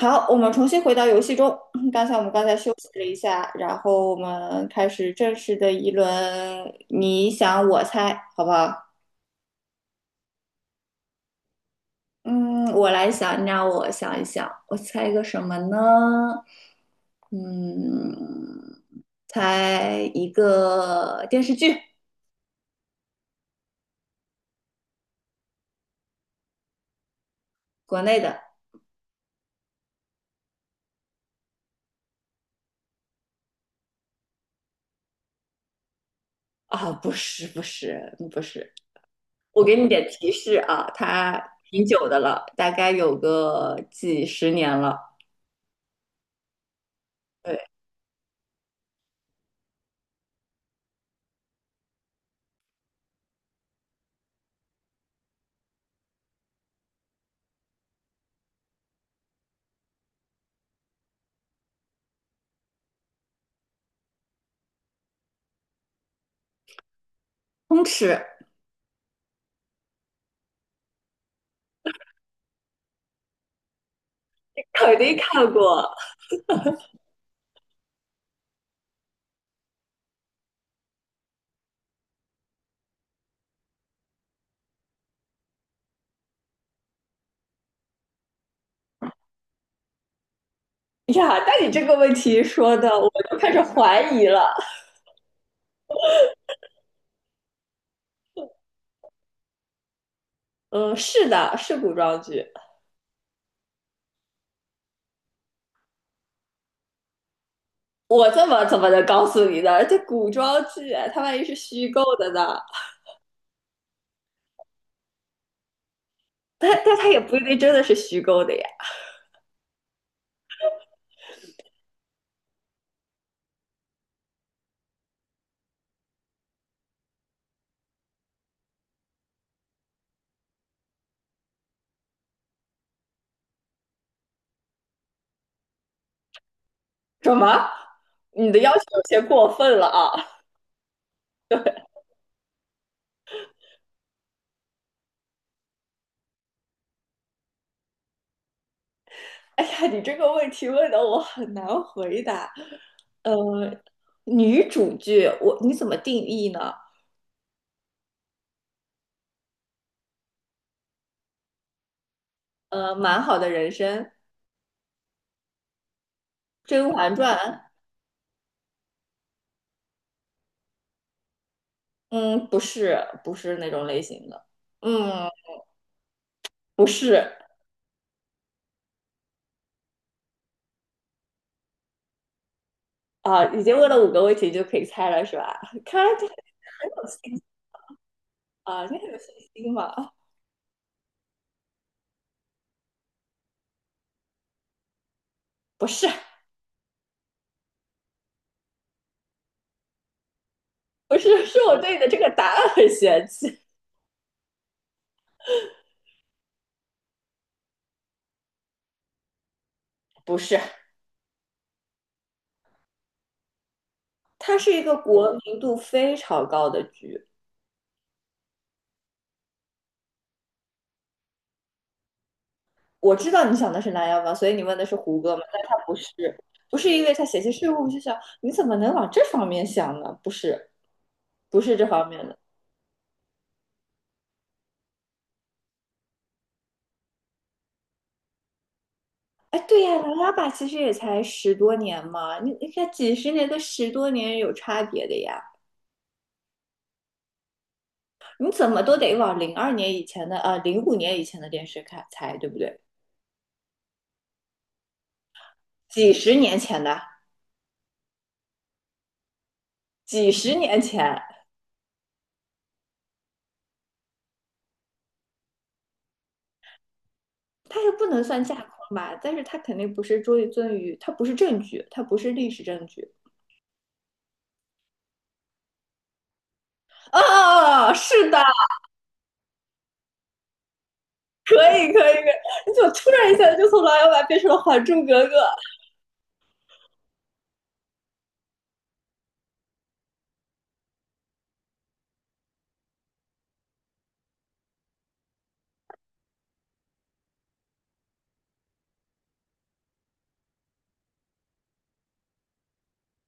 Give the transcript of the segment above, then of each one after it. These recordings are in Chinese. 好，我们重新回到游戏中。刚才我们休息了一下，然后我们开始正式的一轮，你想我猜，好不好？嗯，我来想，让我想一想，我猜一个什么呢？嗯，猜一个电视剧，国内的。不是，不是，不是。我给你点提示啊，它挺久的了，大概有个几十年了。对，通吃。肯定看过哎呀，但你这个问题说的，我就开始怀疑了。嗯，是的，是古装剧。我怎么能告诉你呢？这古装剧，哎它万一是虚构的呢？但它也不一定真的是虚构的呀。什么？你的要求有些过分了啊！哎呀，你这个问题问的我很难回答。呃，女主剧，你怎么定义呢？呃，《蛮好的人生》《甄嬛传》嗯，不是，不是那种类型的。嗯，不是啊，已经问了5个问题就可以猜了，是吧？看来这个很有信心啊，你很有信心嘛？不是，不是，是我对你的这个答案很嫌弃。不是，它是一个国民度非常高的剧。我知道你想的是《琅琊榜》，所以你问的是胡歌嘛？但他不是，不是因为他写些税务，我就想你怎么能往这方面想呢？不是，不是这方面的。哎，对呀，琅琊榜其实也才十多年嘛，你看几十年跟十多年有差别的呀，你怎么都得往02年以前的，05年以前的电视看才对不对？几十年前的，几十年前，它也不能算架空吧，但是它肯定不是于尊于，它不是证据，它不是历史证据。啊，哦哦是的，可以可以，可以你怎么突然一下就从琅琊榜变成了《还珠格格》？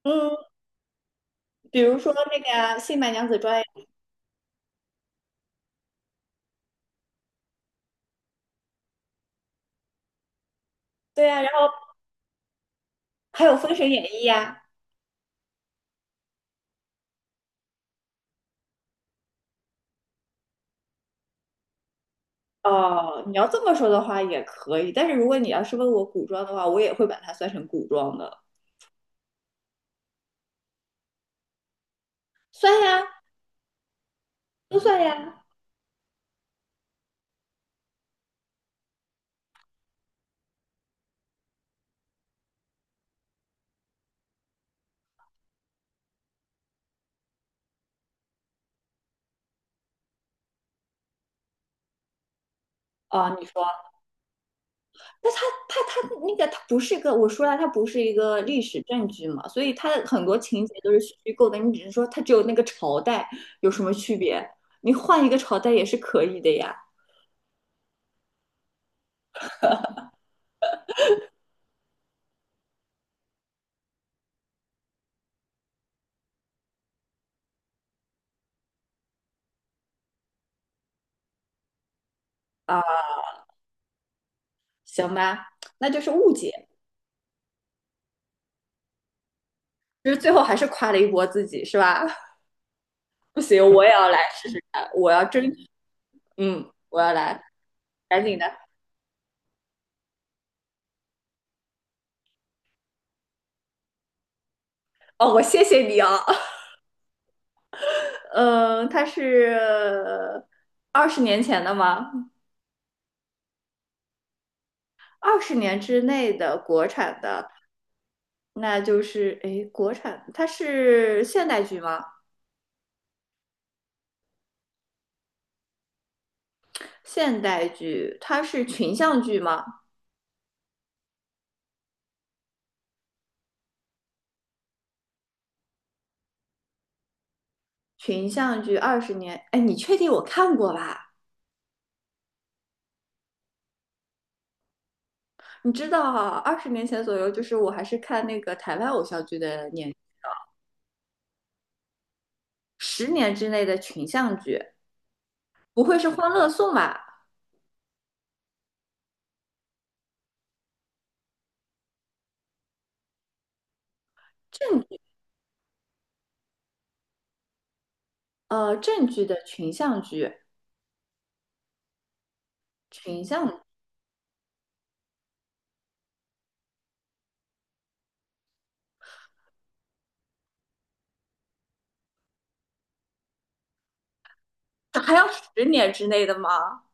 嗯，比如说那个呀，《新白娘子传》呀对呀，然后还有《封神演义》呀。哦，你要这么说的话也可以，但是如果你要是问我古装的话，我也会把它算成古装的，算呀，都算呀。你说，那它它那个它不是一个，我说了，它不是一个历史证据嘛，所以它的很多情节都是虚构的，你只是说它只有那个朝代有什么区别，你换一个朝代也是可以的呀。啊、行吧，那就是误解，就是最后还是夸了一波自己是吧？不行，我也要来试试看，我要争取，嗯，我要来，赶紧的。哦，我谢谢你啊。呃，它是二十年前的吗？20年之内的国产的，那就是诶，国产它是现代剧吗？现代剧它是群像剧吗？群像剧20年，哎，你确定我看过吧？你知道啊，20年前左右，就是我还是看那个台湾偶像剧的年，十年之内的群像剧，不会是《欢乐颂》吧？正剧，呃，正剧的群像剧，群像这还要十年之内的吗？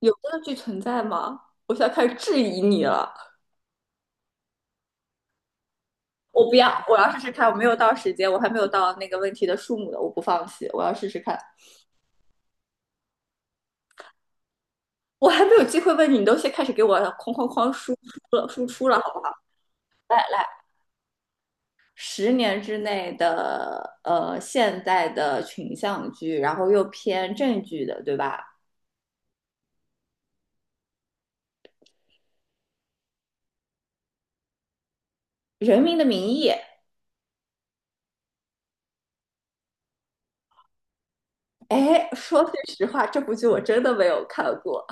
有这个剧存在吗？我现在开始质疑你了。我不要，我要试试看。我没有到时间，我还没有到那个问题的数目的，我不放弃。我要试试看。我还没有机会问你，你都先开始给我哐哐哐输出了，输出了，好不好？十年之内的现代的群像剧，然后又偏正剧的，对吧？《人民的名义》，哎，说句实话，这部剧我真的没有看过。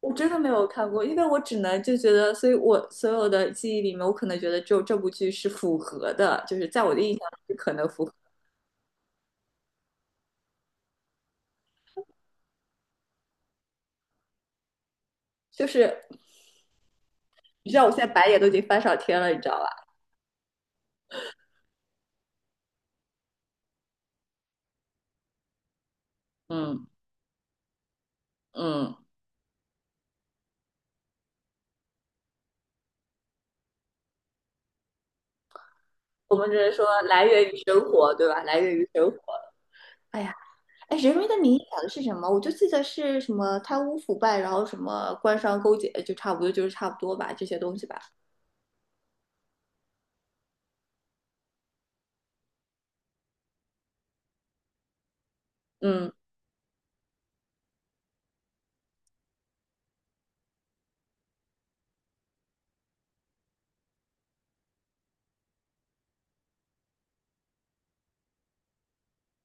我真的没有看过，因为我只能就觉得，所以我所有的记忆里面，我可能觉得只有这部剧是符合的，就是在我的印象里是可能符合。就是你知道，我现在白眼都已经翻上天了，你知道吧？嗯嗯，我们只是说来源于生活，对吧？来源于生活。哎呀，哎，《人民的名义》讲的是什么？我就记得是什么贪污腐败，然后什么官商勾结，就差不多就是差不多吧，这些东西吧。嗯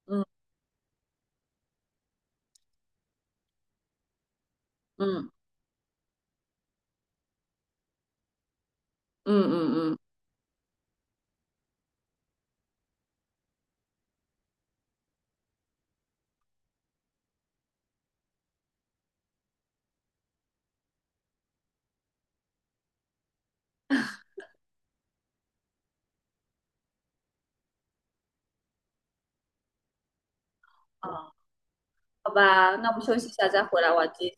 嗯嗯嗯嗯嗯，嗯好吧，那我们休息一下再回来玩。机。